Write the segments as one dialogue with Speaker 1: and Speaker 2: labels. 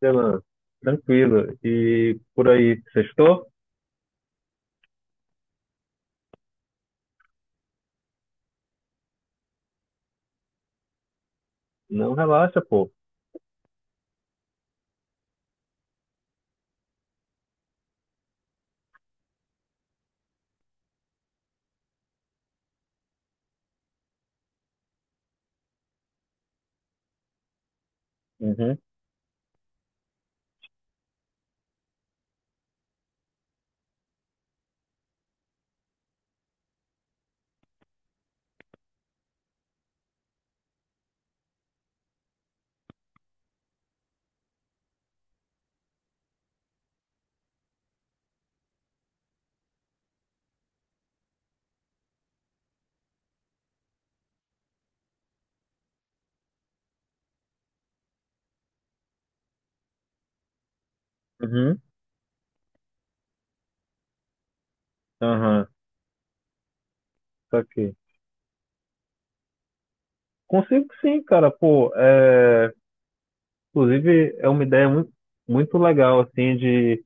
Speaker 1: Renan, tranquilo. E por aí, sextou? Não relaxa, pô. Uhum, uhum, aham, tá aqui. Consigo sim, cara, pô. Inclusive, é uma ideia muito, muito legal, assim, de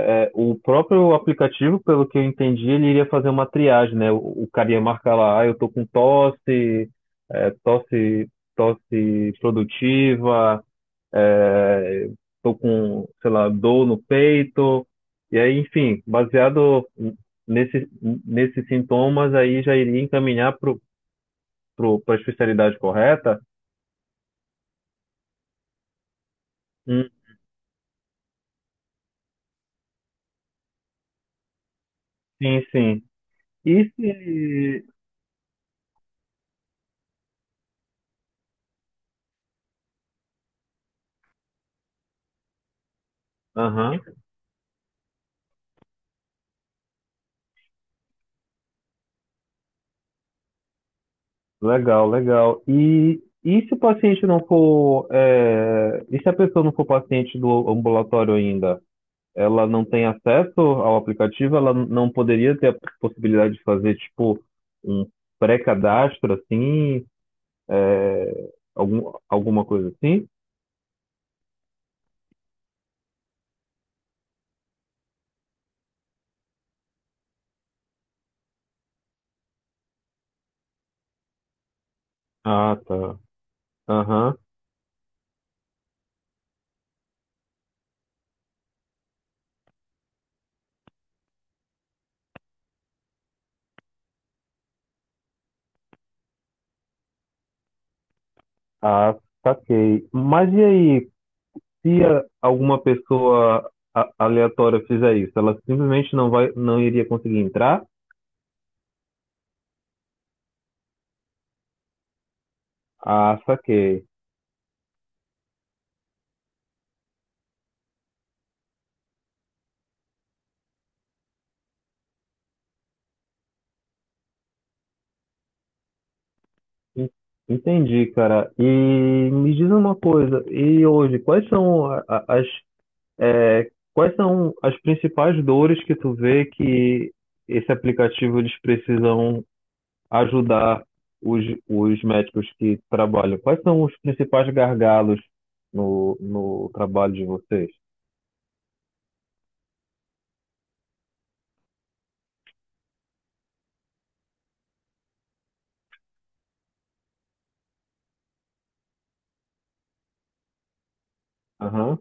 Speaker 1: o próprio aplicativo, pelo que eu entendi, ele iria fazer uma triagem, né? O cara ia marcar lá, ah, eu tô com tosse, é, tosse, tosse produtiva. É, tô com, sei lá, dor no peito, e aí, enfim, baseado nesse, nesses sintomas, aí já iria encaminhar para a especialidade correta? Hum, sim, sim. E se. Aham, legal, legal. E se o paciente não for. É, e se a pessoa não for paciente do ambulatório ainda? Ela não tem acesso ao aplicativo, ela não poderia ter a possibilidade de fazer, tipo, um pré-cadastro, assim, é, algum, alguma coisa assim? Ah, tá. Aham. Ah, saquei. Mas e aí, se alguma pessoa aleatória fizer isso, ela simplesmente não vai, não iria conseguir entrar? Ah, saquei. En- Entendi, cara. E me diz uma coisa, e hoje, quais são as quais são as principais dores que tu vê que esse aplicativo eles precisam ajudar os, os médicos que trabalham? Quais são os principais gargalos no trabalho de vocês? Aham,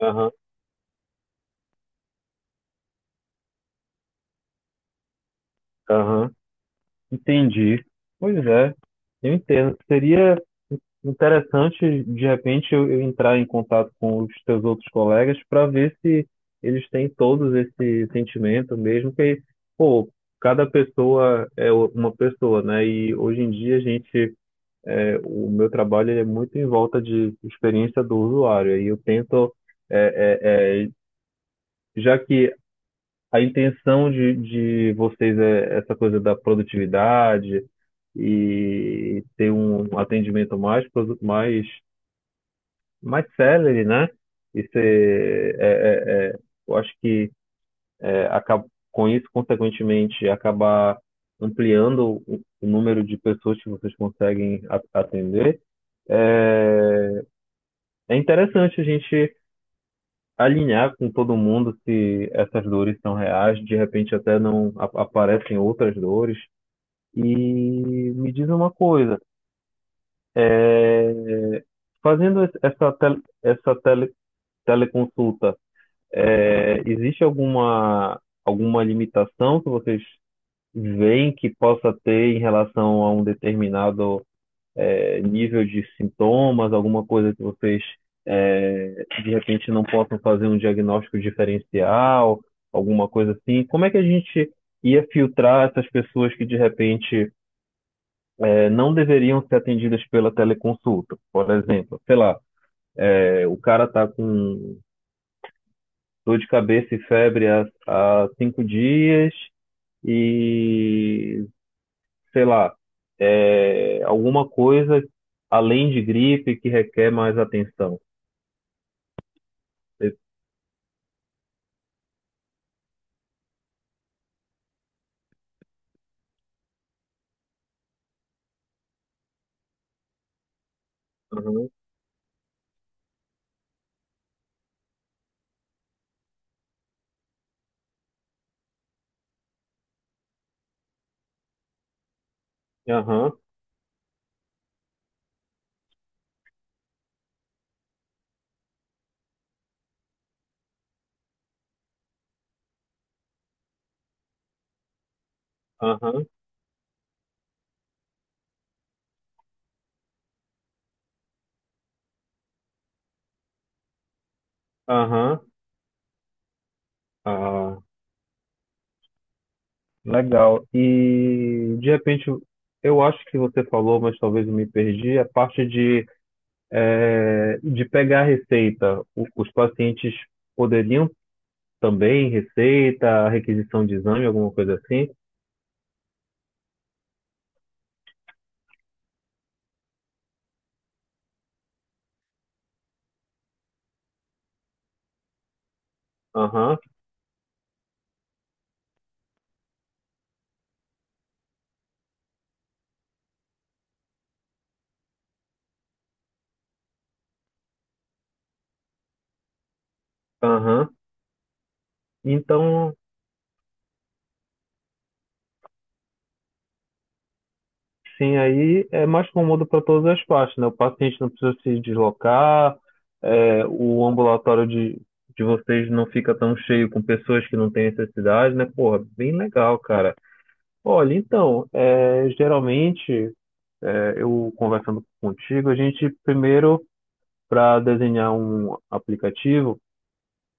Speaker 1: aham, aham. Entendi. Pois é, eu entendo. Seria interessante, de repente, eu entrar em contato com os teus outros colegas para ver se eles têm todos esse sentimento mesmo, que, pô, cada pessoa é uma pessoa, né? E hoje em dia a gente, é, o meu trabalho ele é muito em volta de experiência do usuário. E eu tento, é, é, é, já que a intenção de vocês é essa coisa da produtividade e ter um atendimento mais, mais, mais célere, né? Isso é, eu acho que é, acaba, com isso, consequentemente, acabar ampliando o número de pessoas que vocês conseguem atender. É, é interessante a gente alinhar com todo mundo se essas dores são reais, de repente até não aparecem outras dores. E me diz uma coisa, é, fazendo essa, essa teleconsulta, é, existe alguma, alguma limitação que vocês veem que possa ter em relação a um determinado, é, nível de sintomas, alguma coisa que vocês, é, de repente não possam fazer um diagnóstico diferencial, alguma coisa assim? Como é que a gente ia filtrar essas pessoas que de repente não deveriam ser atendidas pela teleconsulta. Por exemplo, sei lá, é, o cara está com dor de cabeça e febre há cinco dias e, sei lá, é, alguma coisa além de gripe que requer mais atenção. Esse- Aham, aham, aham, aham. Ah, legal. E, de repente, eu acho que você falou, mas talvez eu me perdi, a parte de de pegar a receita, os pacientes poderiam também receita, requisição de exame, alguma coisa assim? Aham, aham. Então, sim, aí é mais cômodo para todas as partes, né? O paciente não precisa se deslocar, é, o ambulatório de vocês não fica tão cheio com pessoas que não têm necessidade, né? Porra, bem legal, cara. Olha, então, é, geralmente, é, eu conversando contigo, a gente primeiro para desenhar um aplicativo,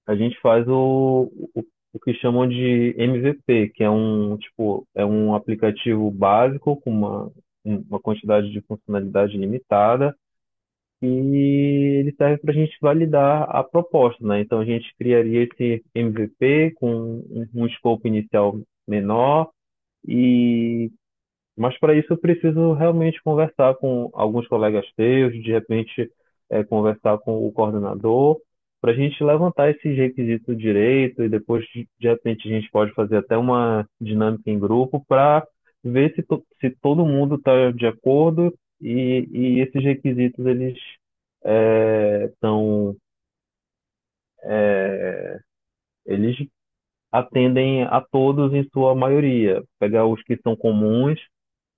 Speaker 1: a gente faz o que chamam de MVP, que é um tipo, é um aplicativo básico com uma quantidade de funcionalidade limitada e ele serve para a gente validar a proposta, né? Então a gente criaria esse MVP com um escopo inicial menor e mas para isso eu preciso realmente conversar com alguns colegas teus, de repente eh, conversar com o coordenador, para a gente levantar esse requisito direito e depois de repente a gente pode fazer até uma dinâmica em grupo para ver se, se todo mundo está de acordo e esses requisitos eles eh, são eles atendem a todos em sua maioria. Pegar os que são comuns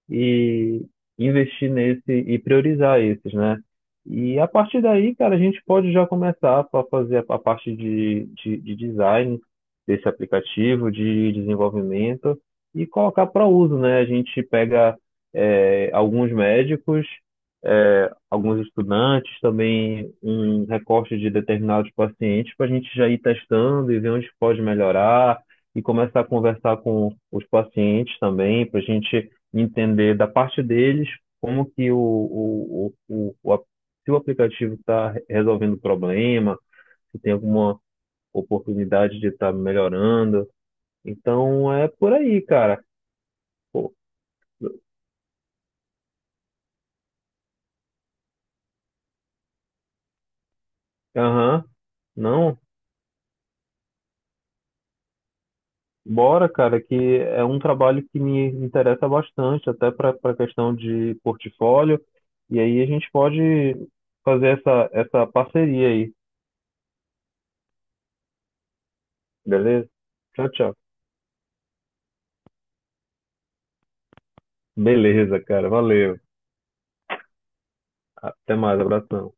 Speaker 1: e investir nesse e priorizar esses, né? E a partir daí, cara, a gente pode já começar a fazer a parte de, de design desse aplicativo, de desenvolvimento e colocar para uso, né? A gente pega eh, alguns médicos, eh, alguns estudantes, também um recorte de determinados pacientes para a gente já ir testando e ver onde pode melhorar e começar a conversar com os pacientes também, para a gente entender da parte deles como que se o aplicativo está resolvendo o problema, se tem alguma oportunidade de estar melhorando. Então é por aí, cara. Pô, aham. Não, bora, cara, que é um trabalho que me interessa bastante, até para a questão de portfólio. E aí a gente pode fazer essa parceria aí, beleza? Tchau, tchau. Beleza, cara. Valeu. Até mais, abração.